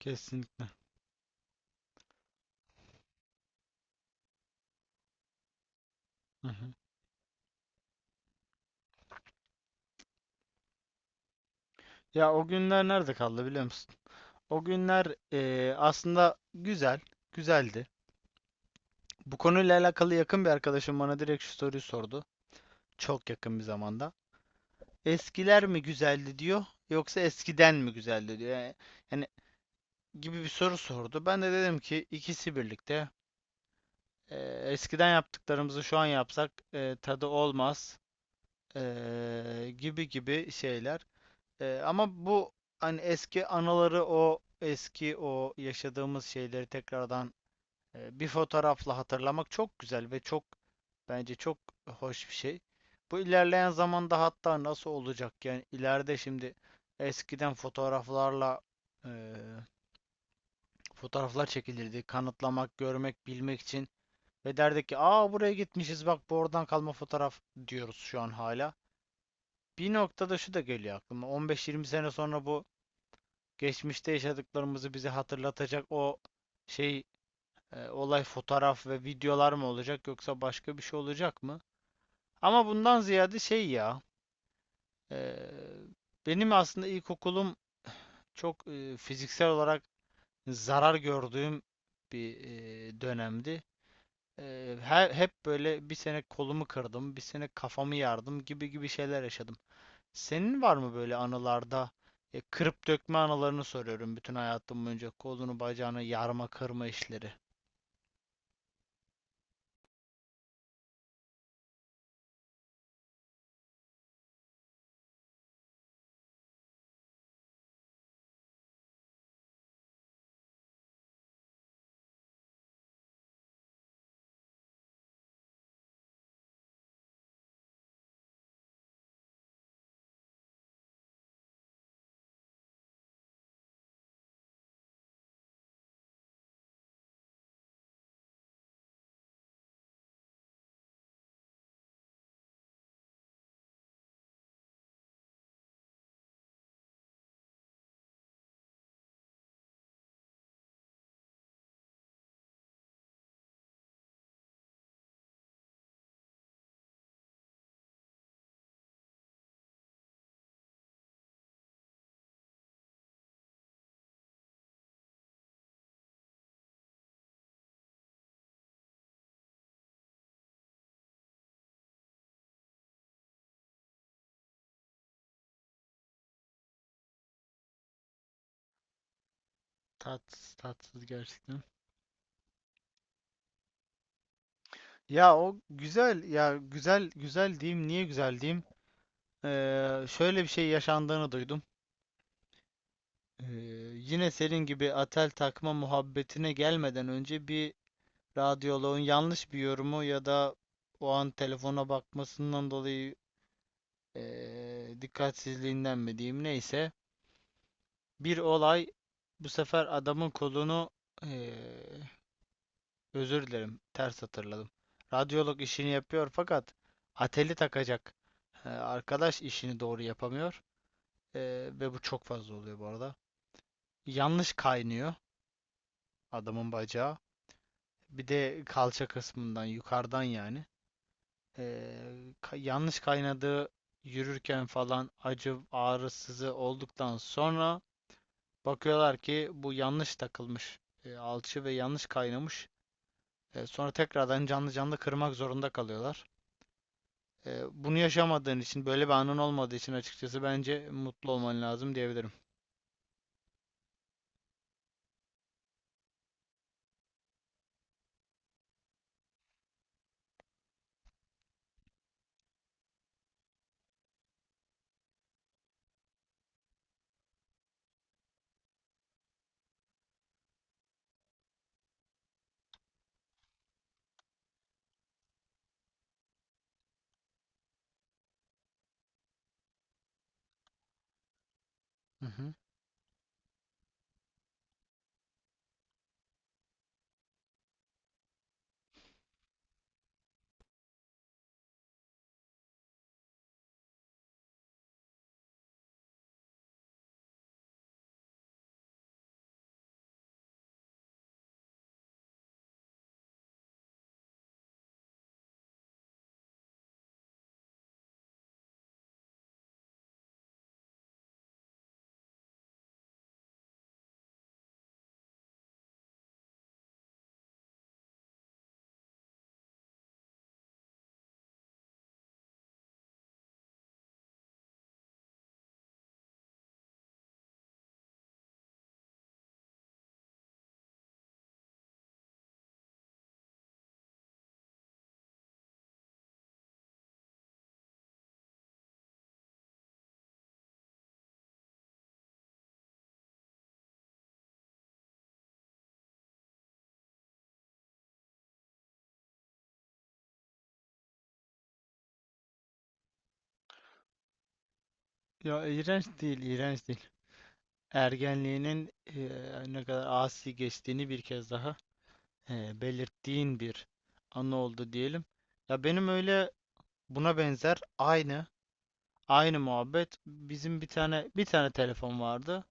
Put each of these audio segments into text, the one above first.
Kesin. Hı hı. Ya o günler nerede kaldı biliyor musun? O günler aslında güzeldi. Bu konuyla alakalı yakın bir arkadaşım bana direkt şu soruyu sordu. Çok yakın bir zamanda. Eskiler mi güzeldi diyor, yoksa eskiden mi güzeldi diyor. Yani gibi bir soru sordu. Ben de dedim ki ikisi birlikte. Eskiden yaptıklarımızı şu an yapsak tadı olmaz gibi gibi şeyler. Ama bu hani eski anıları o eski o yaşadığımız şeyleri tekrardan bir fotoğrafla hatırlamak çok güzel ve çok bence çok hoş bir şey. Bu ilerleyen zamanda hatta nasıl olacak yani ileride şimdi eskiden fotoğraflarla e, fotoğraflar çekilirdi. Kanıtlamak, görmek, bilmek için ve derdik ki aa buraya gitmişiz, bak bu oradan kalma fotoğraf diyoruz şu an hala. Bir noktada şu da geliyor aklıma. 15-20 sene sonra bu geçmişte yaşadıklarımızı bize hatırlatacak o şey, olay, fotoğraf ve videolar mı olacak yoksa başka bir şey olacak mı? Ama bundan ziyade şey ya, e, benim aslında ilkokulum çok fiziksel olarak zarar gördüğüm bir dönemdi. E, Hep böyle bir sene kolumu kırdım, bir sene kafamı yardım gibi gibi şeyler yaşadım. Senin var mı böyle anılarda, kırıp dökme anılarını soruyorum, bütün hayatım boyunca kolunu bacağını yarma kırma işleri. Tatsız tatsız gerçekten. Ya o güzel ya, güzel güzel diyeyim, niye güzel diyeyim. Şöyle bir şey yaşandığını duydum. Ee, Yine senin gibi atel takma muhabbetine gelmeden önce bir radyoloğun yanlış bir yorumu ya da o an telefona bakmasından dolayı dikkatsizliğinden mi diyeyim, neyse. Bir olay, bu sefer adamın kolunu eee, özür dilerim, ters hatırladım. Radyolog işini yapıyor fakat ateli takacak arkadaş işini doğru yapamıyor. Ve bu çok fazla oluyor bu arada. Yanlış kaynıyor adamın bacağı. Bir de kalça kısmından yukarıdan yani. Yanlış kaynadığı, yürürken falan acı ağrısızı olduktan sonra bakıyorlar ki bu yanlış takılmış alçı ve yanlış kaynamış. Sonra tekrardan canlı canlı kırmak zorunda kalıyorlar. Bunu yaşamadığın için, böyle bir anın olmadığı için açıkçası bence mutlu olman lazım diyebilirim. Hı hı. Ya iğrenç değil, iğrenç değil. Ergenliğinin ne kadar asi geçtiğini bir kez daha belirttiğin bir anı oldu diyelim. Ya benim öyle buna benzer. Aynı muhabbet. Bizim bir tane telefon vardı.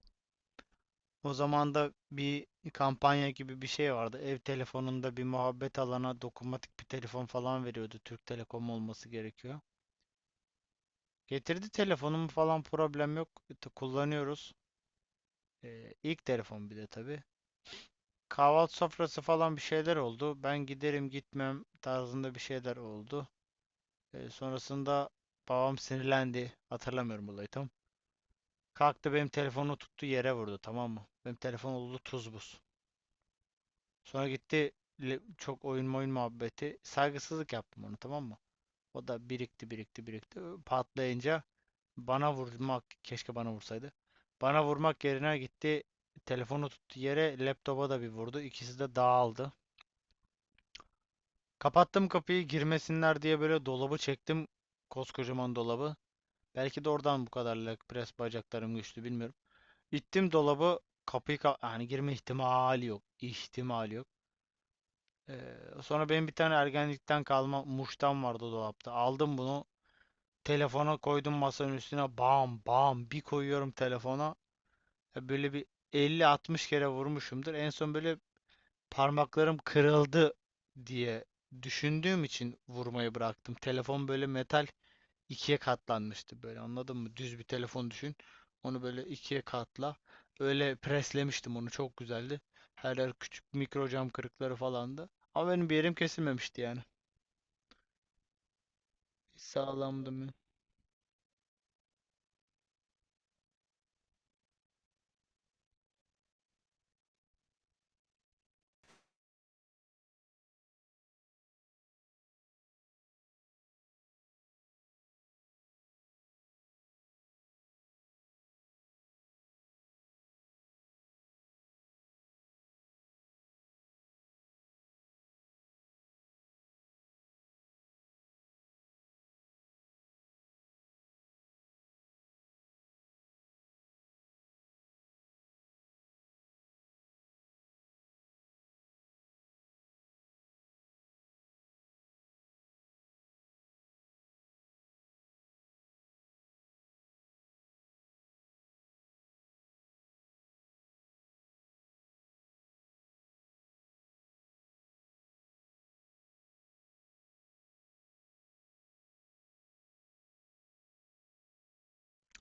O zaman da bir kampanya gibi bir şey vardı. Ev telefonunda bir muhabbet alana dokunmatik bir telefon falan veriyordu. Türk Telekom olması gerekiyor. Getirdi telefonumu falan, problem yok. Kullanıyoruz. İlk telefon bir de tabii. Kahvaltı sofrası falan bir şeyler oldu. Ben giderim gitmem tarzında bir şeyler oldu. Sonrasında babam sinirlendi. Hatırlamıyorum olayı tam. Kalktı benim telefonu tuttu yere vurdu, tamam mı? Benim telefon oldu tuz buz. Sonra gitti çok oyun oyun muhabbeti. Saygısızlık yaptım onu, tamam mı? O da birikti. Patlayınca bana vurmak, keşke bana vursaydı. Bana vurmak yerine gitti telefonu tuttu yere, laptopa da bir vurdu. İkisi de dağıldı. Kapattım kapıyı girmesinler diye, böyle dolabı çektim. Koskocaman dolabı. Belki de oradan bu kadar leg press bacaklarım güçlü, bilmiyorum. İttim dolabı, kapıyı yani girme ihtimali yok. İhtimali yok. Sonra benim bir tane ergenlikten kalma muştan vardı dolapta. Aldım bunu. Telefona koydum masanın üstüne. Bam bam bir koyuyorum telefona. Ya, böyle bir 50-60 kere vurmuşumdur. En son böyle parmaklarım kırıldı diye düşündüğüm için vurmayı bıraktım. Telefon böyle metal ikiye katlanmıştı, böyle anladın mı? Düz bir telefon düşün. Onu böyle ikiye katla. Öyle preslemiştim onu, çok güzeldi. Her yer küçük mikro cam kırıkları falandı. Ama benim bir yerim kesilmemişti yani. Sağlamdı mı?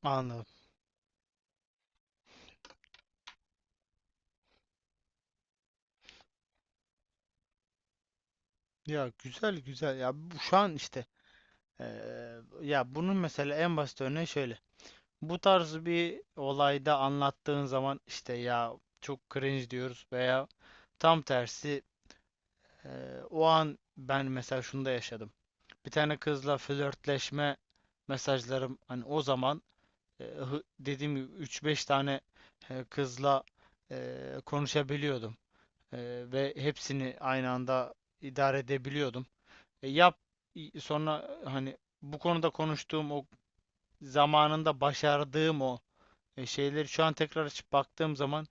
Anladım. Ya güzel güzel. Ya bu şu an işte ya bunun mesela en basit örneği şöyle. Bu tarz bir olayda anlattığın zaman işte ya çok cringe diyoruz veya tam tersi o an ben mesela şunu da yaşadım. Bir tane kızla flörtleşme mesajlarım, hani o zaman dediğim gibi 3-5 tane kızla konuşabiliyordum. Ve hepsini aynı anda idare edebiliyordum. E, yap Sonra hani bu konuda konuştuğum, o zamanında başardığım o şeyleri şu an tekrar açıp baktığım zaman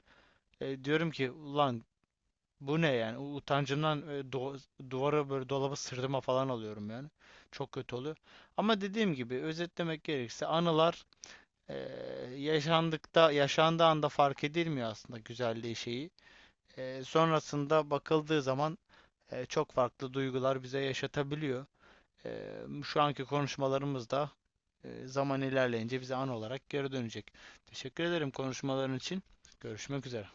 diyorum ki ulan bu ne yani. Utancımdan duvara böyle, dolaba sırtıma falan alıyorum yani. Çok kötü oluyor ama dediğim gibi, özetlemek gerekirse anılar, e, yaşandıkta yaşandığı anda fark edilmiyor aslında güzelliği şeyi. Sonrasında bakıldığı zaman çok farklı duygular bize yaşatabiliyor. Şu anki konuşmalarımız da zaman ilerleyince bize an olarak geri dönecek. Teşekkür ederim konuşmaların için. Görüşmek üzere.